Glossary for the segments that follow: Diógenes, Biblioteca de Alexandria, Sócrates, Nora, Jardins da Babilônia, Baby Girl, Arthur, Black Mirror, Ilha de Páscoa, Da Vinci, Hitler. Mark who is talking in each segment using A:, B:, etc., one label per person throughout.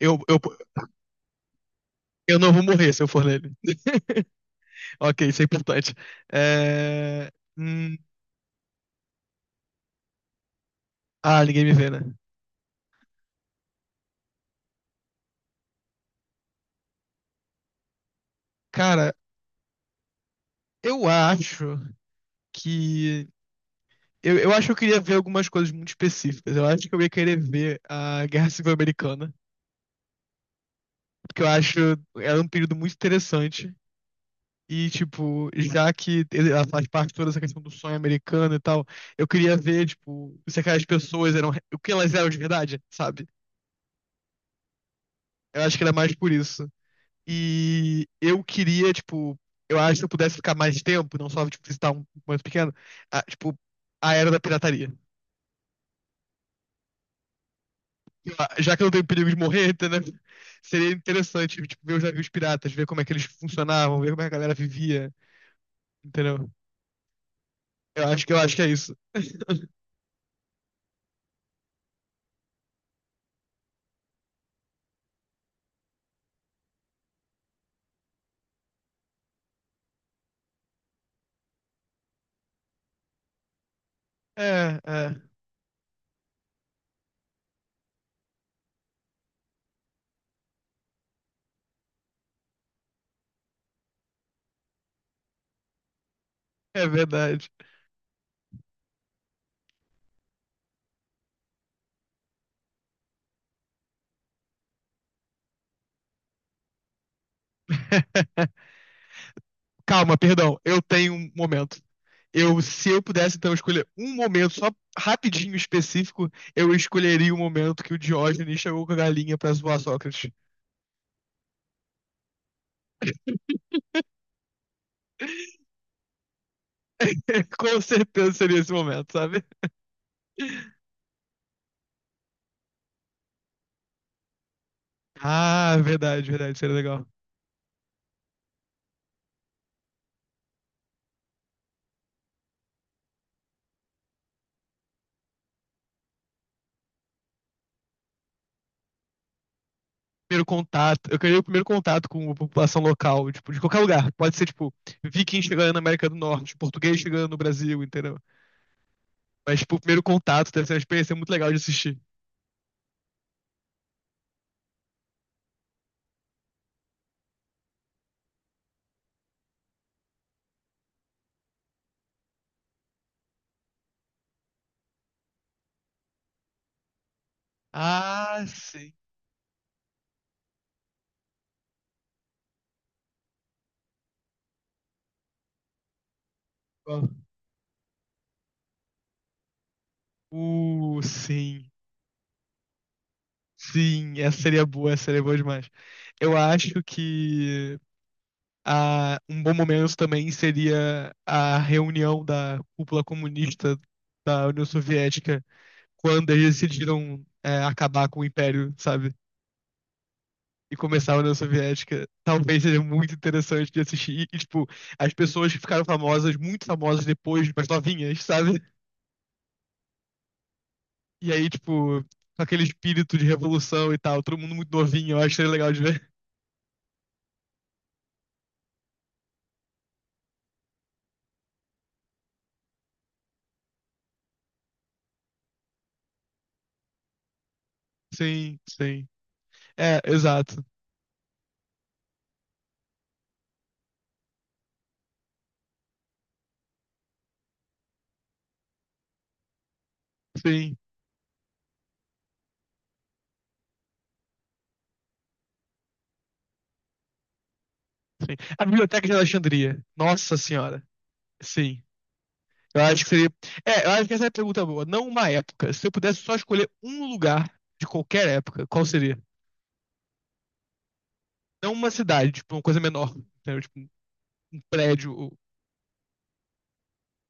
A: Eu, eu, eu não vou morrer se eu for nele. Ok, isso é importante. É... hum, Ah, ninguém me vê, né? Cara, eu acho que. Eu acho que eu queria ver algumas coisas muito específicas. Eu acho que eu ia querer ver a Guerra Civil Americana, porque eu acho era um período muito interessante. E, tipo, já que ela faz parte de toda essa questão do sonho americano e tal, eu queria ver, tipo, se aquelas pessoas eram. O que elas eram de verdade, sabe? Eu acho que era mais por isso. E eu queria, tipo, eu acho que se eu pudesse ficar mais tempo, não só, tipo, visitar um mais pequeno, tipo, a era da pirataria. Sei lá, já que eu não tenho perigo de morrer, entendeu? Seria interessante, tipo, ver os navios piratas, ver como é que eles funcionavam, ver como é que a galera vivia, entendeu? Eu acho que é isso. É, é, é verdade. Calma, perdão, eu tenho um momento. Eu, se eu pudesse, então, escolher um momento só rapidinho específico, eu escolheria o momento que o Diógenes chegou com a galinha pra zoar Sócrates. Com certeza seria esse momento, sabe? Ah, verdade, verdade, seria legal. Primeiro contato. Eu queria o primeiro contato com a população local, tipo, de qualquer lugar. Pode ser, tipo, viking chegando na América do Norte, português chegando no Brasil, entendeu? Mas, tipo, o primeiro contato deve ser uma experiência muito legal de assistir. Ah, sim. Ó. Sim. Sim, essa seria boa demais. Eu acho que Ah, um bom momento também seria a reunião da cúpula comunista da União Soviética, quando eles decidiram, acabar com o Império, sabe? E começar a União Soviética. Talvez seja muito interessante de assistir. E, tipo, as pessoas que ficaram famosas, muito famosas depois, mas novinhas, sabe? E aí, tipo, com aquele espírito de revolução e tal, todo mundo muito novinho, eu acho que seria legal de ver. Sim, sim. É, exato. Sim, sim. A Biblioteca de Alexandria. Nossa Senhora. Sim. Eu acho que seria. É, eu acho que essa é a pergunta boa. Não uma época. Se eu pudesse só escolher um lugar de qualquer época, qual seria? Não uma cidade, tipo, uma coisa menor. Entendeu? Tipo, prédio. ou-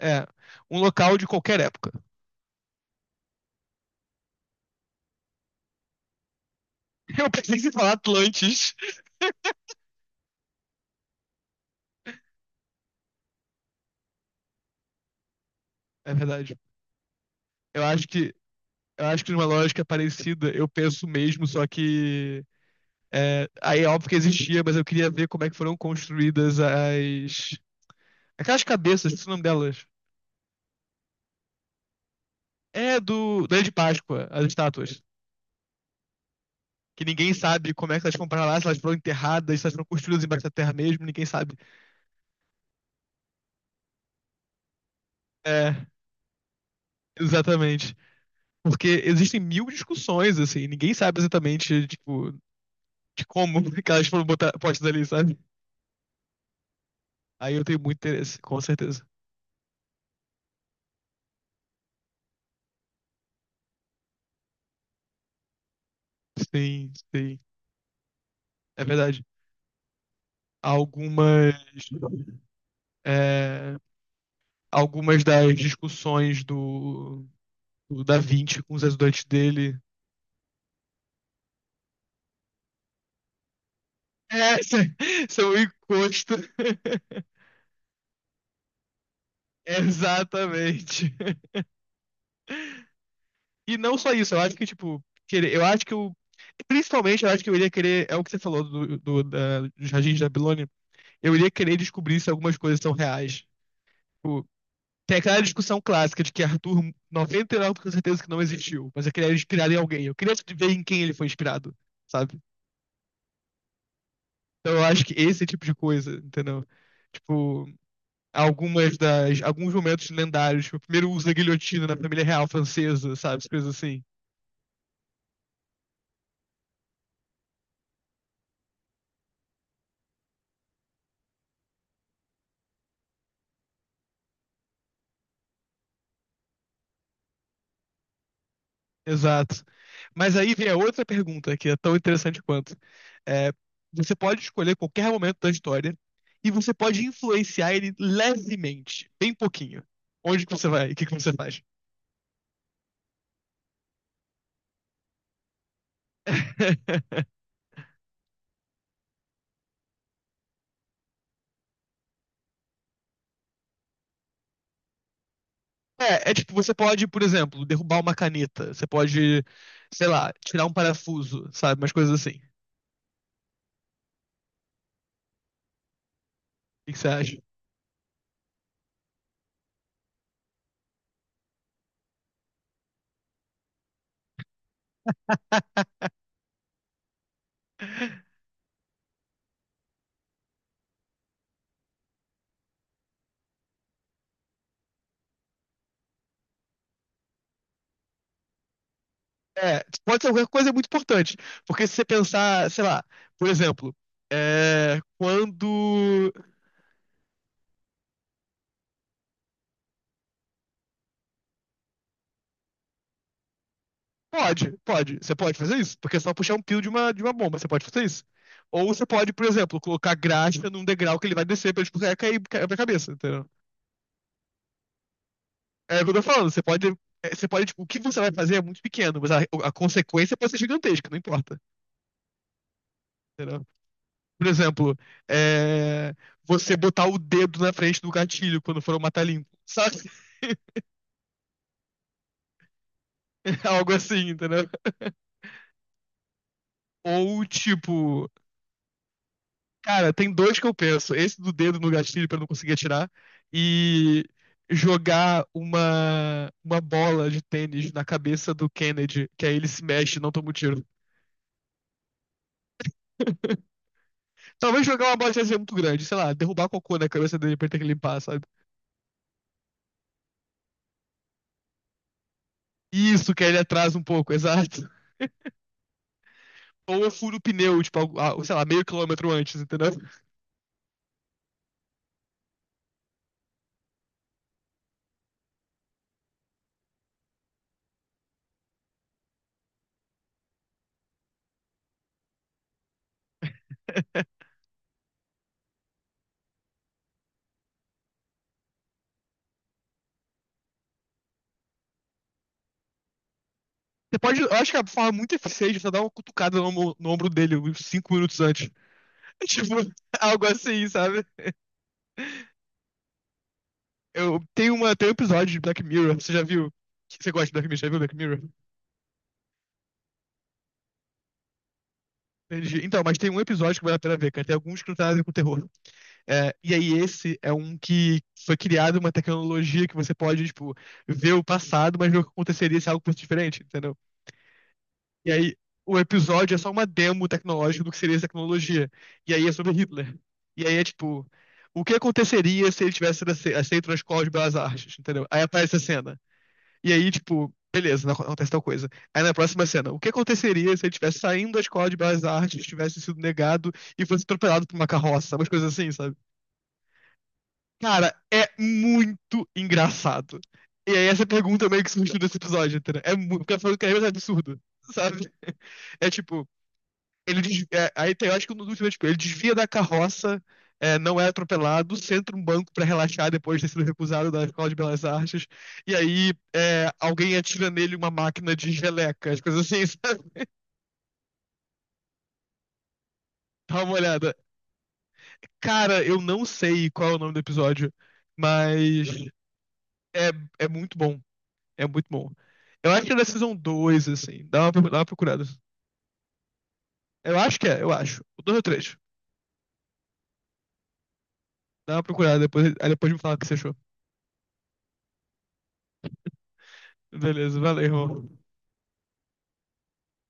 A: É, um local de qualquer época. Eu pensei em falar Atlantis. É verdade. Eu acho que, eu acho que numa lógica parecida, eu penso mesmo, só que. É, aí é óbvio que existia, mas eu queria ver como é que foram construídas as. Aquelas cabeças, esqueci o nome delas. É do. Da Ilha de Páscoa, as estátuas. Que ninguém sabe como é que elas compraram lá, se elas foram enterradas, se elas foram construídas embaixo da terra mesmo, ninguém sabe. É, exatamente. Porque existem mil discussões, assim, ninguém sabe exatamente, tipo, de como que postas ali, sabe? Aí eu tenho muito interesse, com certeza. Sim, sim, é verdade. Algumas, é, algumas das discussões do Da Vinci com os ajudantes dele. É, são o encosto. Exatamente. E não só isso, eu acho que, tipo, querer, eu acho que eu. Principalmente, eu acho que eu iria querer. É o que você falou dos jardins da Babilônia. Eu iria querer descobrir se algumas coisas são reais. Tipo, tem aquela discussão clássica de que Arthur, 99% com certeza que não existiu, mas eu queria inspirar em alguém. Eu queria ver em quem ele foi inspirado, sabe? Então eu acho que esse tipo de coisa, entendeu? Tipo, alguns momentos lendários, tipo, o primeiro uso da guilhotina na família real francesa, sabe? Essas coisas assim. Exato. Mas aí vem a outra pergunta que é tão interessante quanto. É, você pode escolher qualquer momento da história e você pode influenciar ele levemente, bem pouquinho. Onde que você vai? E o que que você faz? É, é tipo, você pode, por exemplo, derrubar uma caneta. Você pode, sei lá, tirar um parafuso, sabe? Umas coisas assim. O que que você acha? É, pode ser qualquer coisa muito importante. Porque se você pensar, sei lá, por exemplo, é, quando. Pode, pode. Você pode fazer isso, porque é só puxar um pio de uma bomba, você pode fazer isso. Ou você pode, por exemplo, colocar graxa num degrau que ele vai descer pra, tipo, cair pra cabeça, entendeu? É o que eu tô falando, Você pode, tipo, o que você vai fazer é muito pequeno, mas a consequência pode ser gigantesca, não importa. Entendeu? Por exemplo, é, você botar o dedo na frente do gatilho quando for matar limpo. Sabe? Algo assim, entendeu? Ou tipo, cara, tem dois que eu penso. Esse do dedo no gatilho pra eu não conseguir atirar e jogar uma bola de tênis na cabeça do Kennedy, que aí ele se mexe e não toma um tiro. Talvez jogar uma bola de tênis é muito grande, sei lá, derrubar cocô na cabeça dele pra ele ter que limpar, sabe? Isso, que aí ele atrasa um pouco, exato. Ou eu furo o pneu, tipo, algo- ah, sei lá, meio quilômetro antes, entendeu? Você pode, eu acho que a forma muito eficiente é você dar uma cutucada no ombro dele uns cinco minutos antes. Tipo, algo assim, sabe? Eu tenho uma, tem um episódio de Black Mirror, você já viu? Você gosta de Black Mirror? Já viu Black Mirror? Entendi. Então, mas tem um episódio que vale a pena ver, cara. Tem alguns que não tem nada a ver com terror. É, e aí, esse é um que foi criado uma tecnologia que você pode, tipo, ver o passado, mas ver o que aconteceria se algo fosse diferente, entendeu? E aí, o episódio é só uma demo tecnológica do que seria essa tecnologia. E aí é sobre Hitler. E aí é tipo, o que aconteceria se ele tivesse sido aceito na Escola de Belas Artes, entendeu? Aí aparece a cena. E aí, tipo, beleza, não acontece tal coisa. Aí na próxima cena, o que aconteceria se ele estivesse saindo da Escola de Belas Artes, tivesse sido negado e fosse atropelado por uma carroça, umas coisas assim, sabe? Cara, é muito engraçado. E aí essa pergunta meio que surgiu desse episódio, entendeu? É muito, porque eu quero é absurdo, sabe? É tipo, ele desvia, é, aí tem, eu acho que no último tipo, ele desvia da carroça, é, não é atropelado, senta um banco pra relaxar depois de ter sido recusado da Escola de Belas Artes, e aí é, alguém atira nele uma máquina de geleca, as coisas assim, sabe? Dá uma olhada. Cara, eu não sei qual é o nome do episódio, mas é, é muito bom. É muito bom. Eu acho que é da Season 2, assim. Dá uma procurada. Eu acho que é, eu acho. O 2 ou três. Dá uma procurada, depois, aí depois me fala o que você achou. Beleza, valeu, irmão.